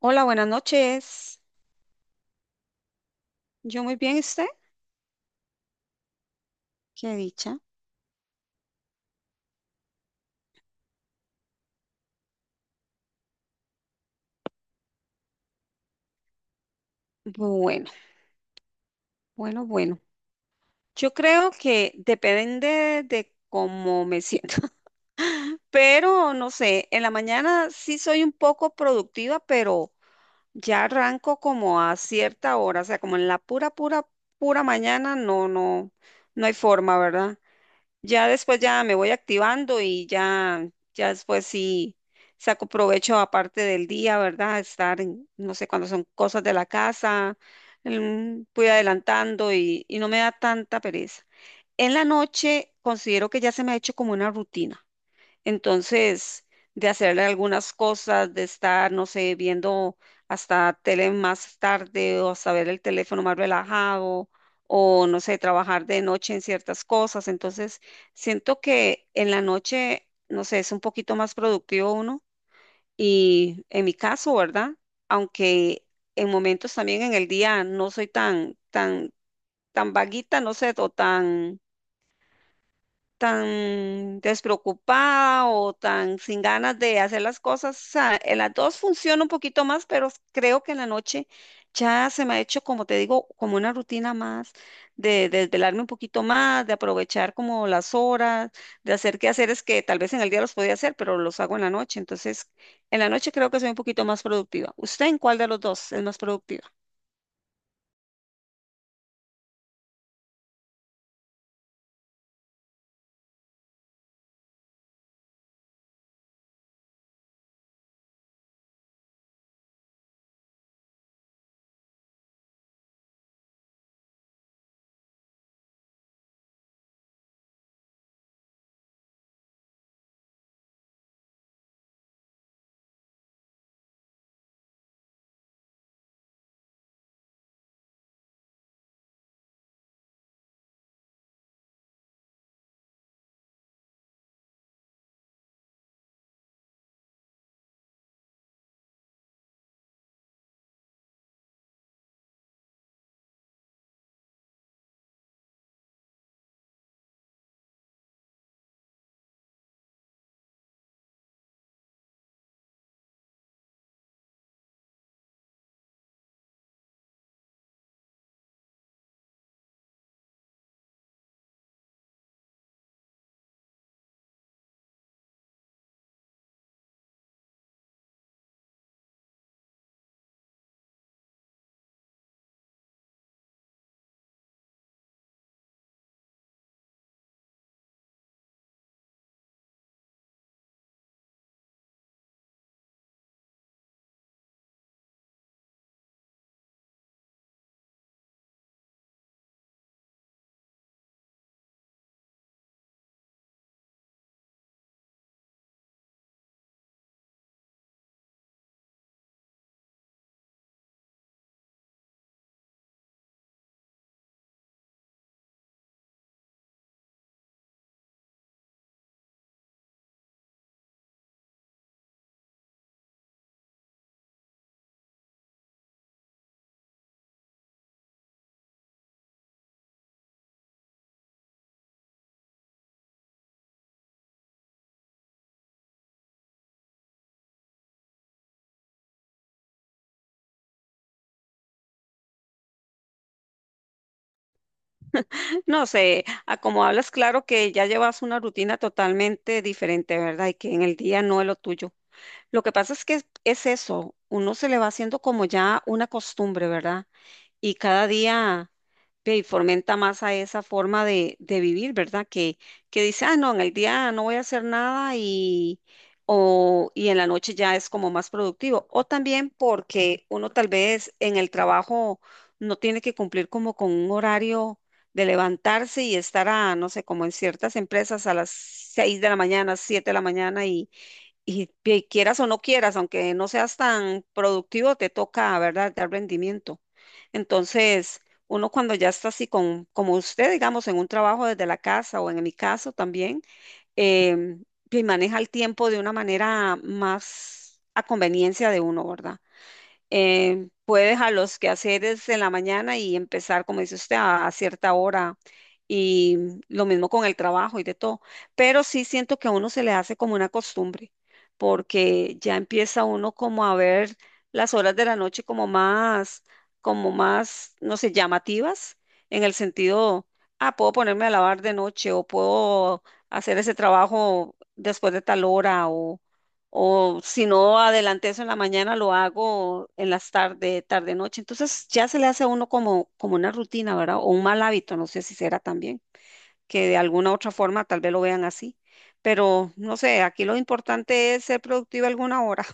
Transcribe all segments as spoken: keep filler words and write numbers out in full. Hola, buenas noches. Yo muy bien, ¿y usted? Qué dicha. Bueno, bueno, bueno. Yo creo que depende de cómo me siento, pero no sé, en la mañana sí soy un poco productiva, pero ya arranco como a cierta hora, o sea, como en la pura, pura, pura mañana, no, no, no hay forma, ¿verdad? Ya después ya me voy activando y ya, ya después sí saco provecho aparte del día, ¿verdad? Estar, en, no sé, cuando son cosas de la casa, mm, voy adelantando y, y no me da tanta pereza. En la noche considero que ya se me ha hecho como una rutina. Entonces, de hacerle algunas cosas, de estar, no sé, viendo hasta tele más tarde o hasta ver el teléfono más relajado o, no sé, trabajar de noche en ciertas cosas. Entonces, siento que en la noche, no sé, es un poquito más productivo uno y en mi caso, ¿verdad? Aunque en momentos también en el día no soy tan, tan, tan vaguita, no sé, o tan tan despreocupada o tan sin ganas de hacer las cosas. O sea, en las dos funciona un poquito más, pero s- creo que en la noche ya se me ha hecho, como te digo, como una rutina más, de de desvelarme un poquito más, de aprovechar como las horas, de hacer quehaceres que tal vez en el día los podía hacer, pero los hago en la noche. Entonces, en la noche creo que soy un poquito más productiva. ¿Usted en cuál de los dos es más productiva? No sé, a como hablas, claro que ya llevas una rutina totalmente diferente, ¿verdad? Y que en el día no es lo tuyo. Lo que pasa es que es eso, uno se le va haciendo como ya una costumbre, ¿verdad? Y cada día ve, fomenta más a esa forma de, de vivir, ¿verdad? Que, que dice, ah, no, en el día no voy a hacer nada y, o, y en la noche ya es como más productivo. O también porque uno tal vez en el trabajo no tiene que cumplir como con un horario de levantarse y estar a, no sé, como en ciertas empresas a las seis de la mañana, siete de la mañana y y pi- quieras o no quieras, aunque no seas tan productivo, te toca, ¿verdad?, dar rendimiento. Entonces, uno cuando ya está así con, como usted, digamos, en un trabajo desde la casa o en mi caso también, em, pi- maneja el tiempo de una manera más a conveniencia de uno, ¿verdad? eh, puede dejar los quehaceres en la mañana y empezar, como dice usted, a, a cierta hora. Y lo mismo con el trabajo y de todo. Pero sí siento que a uno se le hace como una costumbre, porque ya empieza uno como a ver las horas de la noche como más, como más, no sé, llamativas, en el sentido, ah, puedo ponerme a lavar de noche o puedo hacer ese trabajo después de tal hora o si no adelanté eso en la mañana, lo hago en las tarde, tarde, noche. Entonces ya se le hace a uno como, como una rutina, ¿verdad? O un mal hábito, no sé si será también, que de alguna otra forma tal vez lo vean así. Pero no sé, aquí lo importante es ser productivo alguna hora.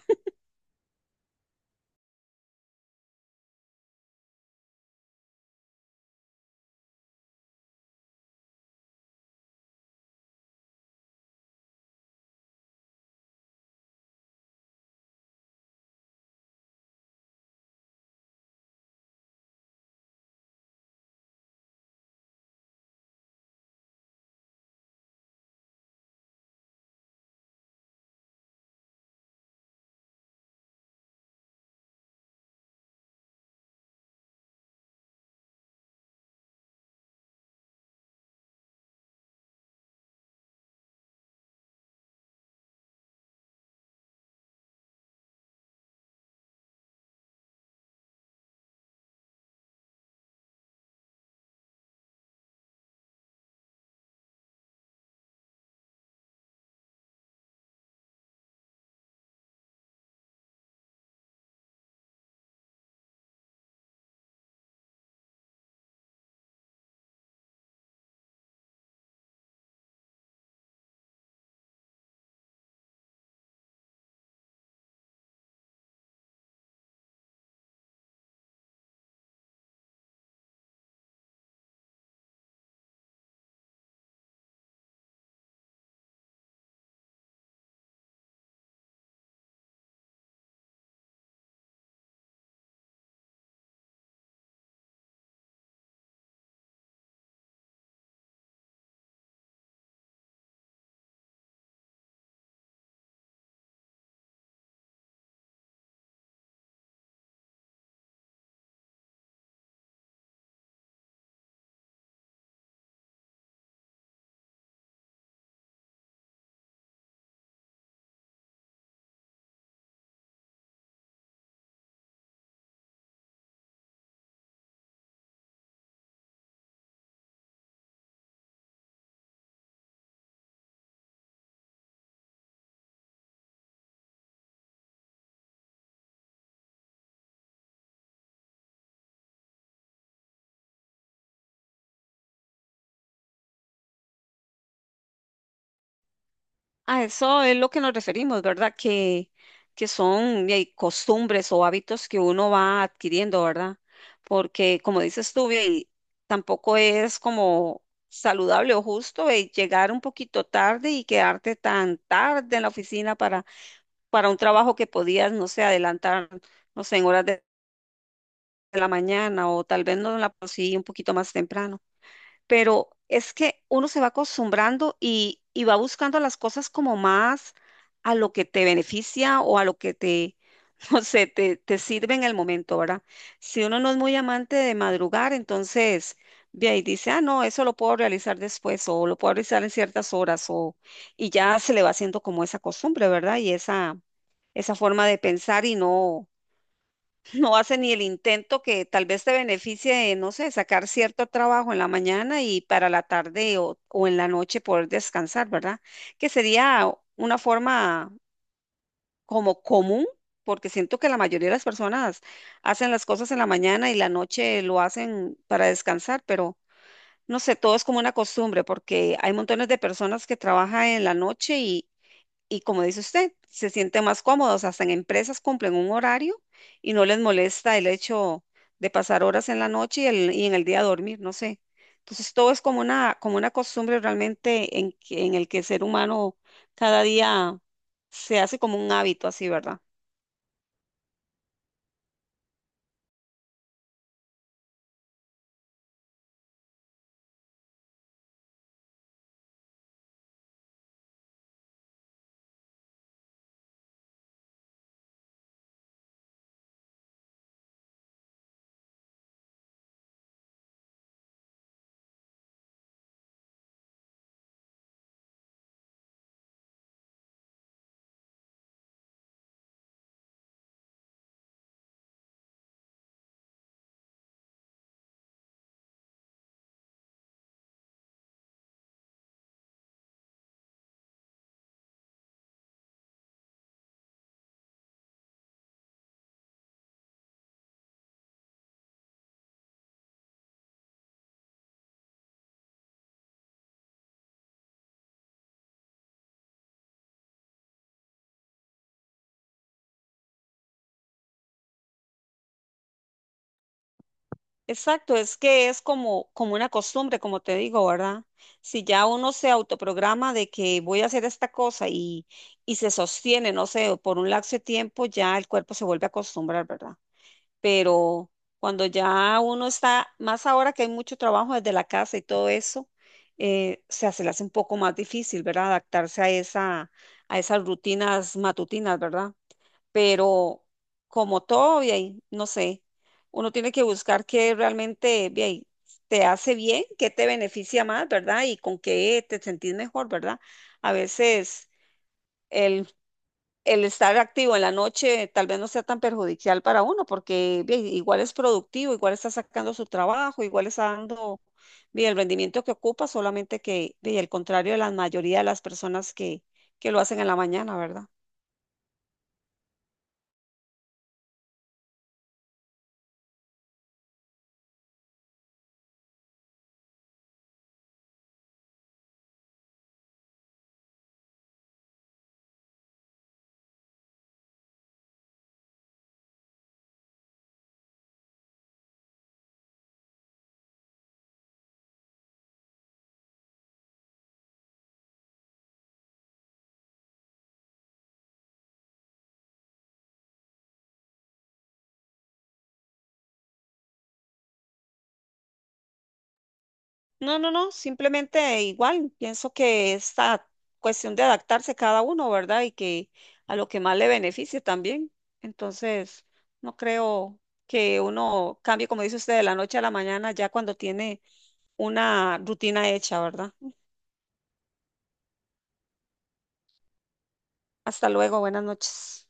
A eso es lo que nos referimos, ¿verdad? Que, que son de ahí, costumbres o hábitos que uno va adquiriendo, ¿verdad? Porque, como dices tú, de ahí, tampoco es como saludable o justo de llegar un poquito tarde y quedarte tan tarde en la oficina para, para un trabajo que podías, no sé, adelantar, no sé, en horas de de la mañana o tal vez no la conseguí un poquito más temprano, pero es que uno se va acostumbrando y, y va buscando las cosas como más a lo que te beneficia o a lo que te, no sé, te, te sirve en el momento, ¿verdad? Si uno no es muy amante de madrugar, entonces de ahí dice, ah, no, eso lo puedo realizar después o lo puedo realizar en ciertas horas o y ya se le va haciendo como esa costumbre, ¿verdad? Y esa, esa forma de pensar y no no hace ni el intento que tal vez te beneficie de, no sé, sacar cierto trabajo en la mañana y para la tarde o, o en la noche poder descansar, ¿verdad? Que sería una forma como común, porque siento que la mayoría de las personas hacen las cosas en la mañana y la noche lo hacen para descansar, pero no sé, todo es como una costumbre, porque hay montones de personas que trabajan en la noche y como dice usted, se sienten más cómodos, hasta en empresas cumplen un horario y no les molesta el hecho de pasar horas en la noche y, el- y en el día dormir, no sé. Entonces todo es como una, como una costumbre realmente en, que- en el que el ser humano cada día se hace como un hábito así, ¿verdad? Exacto, es que es como, como una costumbre, como te digo, ¿verdad? Si ya uno se autoprograma de que voy a hacer esta cosa y, y se sostiene, no sé, por un lapso de tiempo, ya el cuerpo se vuelve a acostumbrar, ¿verdad? Pero cuando ya uno está, más ahora que hay mucho trabajo desde la casa y todo eso, eh, o sea, se le hace un poco más difícil, ¿verdad? Adaptarse a esa, a esas rutinas matutinas, ¿verdad? Pero como todo, y ahí, no sé, uno tiene que buscar qué realmente, ve ahí, te hace bien, qué te beneficia más, ¿verdad? Y con qué te sentís mejor, ¿verdad? A veces, El el estar activo en la noche tal vez no sea tan perjudicial para uno, porque bien, igual es productivo, igual está sacando su trabajo, igual está dando bien, el rendimiento que ocupa, solamente que bien, el contrario de la mayoría de las personas que, que lo hacen en la mañana, ¿verdad? No, no, no, simplemente igual, pienso que esta cuestión de adaptarse cada uno, ¿verdad? Y que a lo que más le beneficie también. Entonces, no creo que uno cambie, como dice usted, de la noche a la mañana, ya cuando tiene una rutina hecha, ¿verdad? Hasta luego, buenas noches.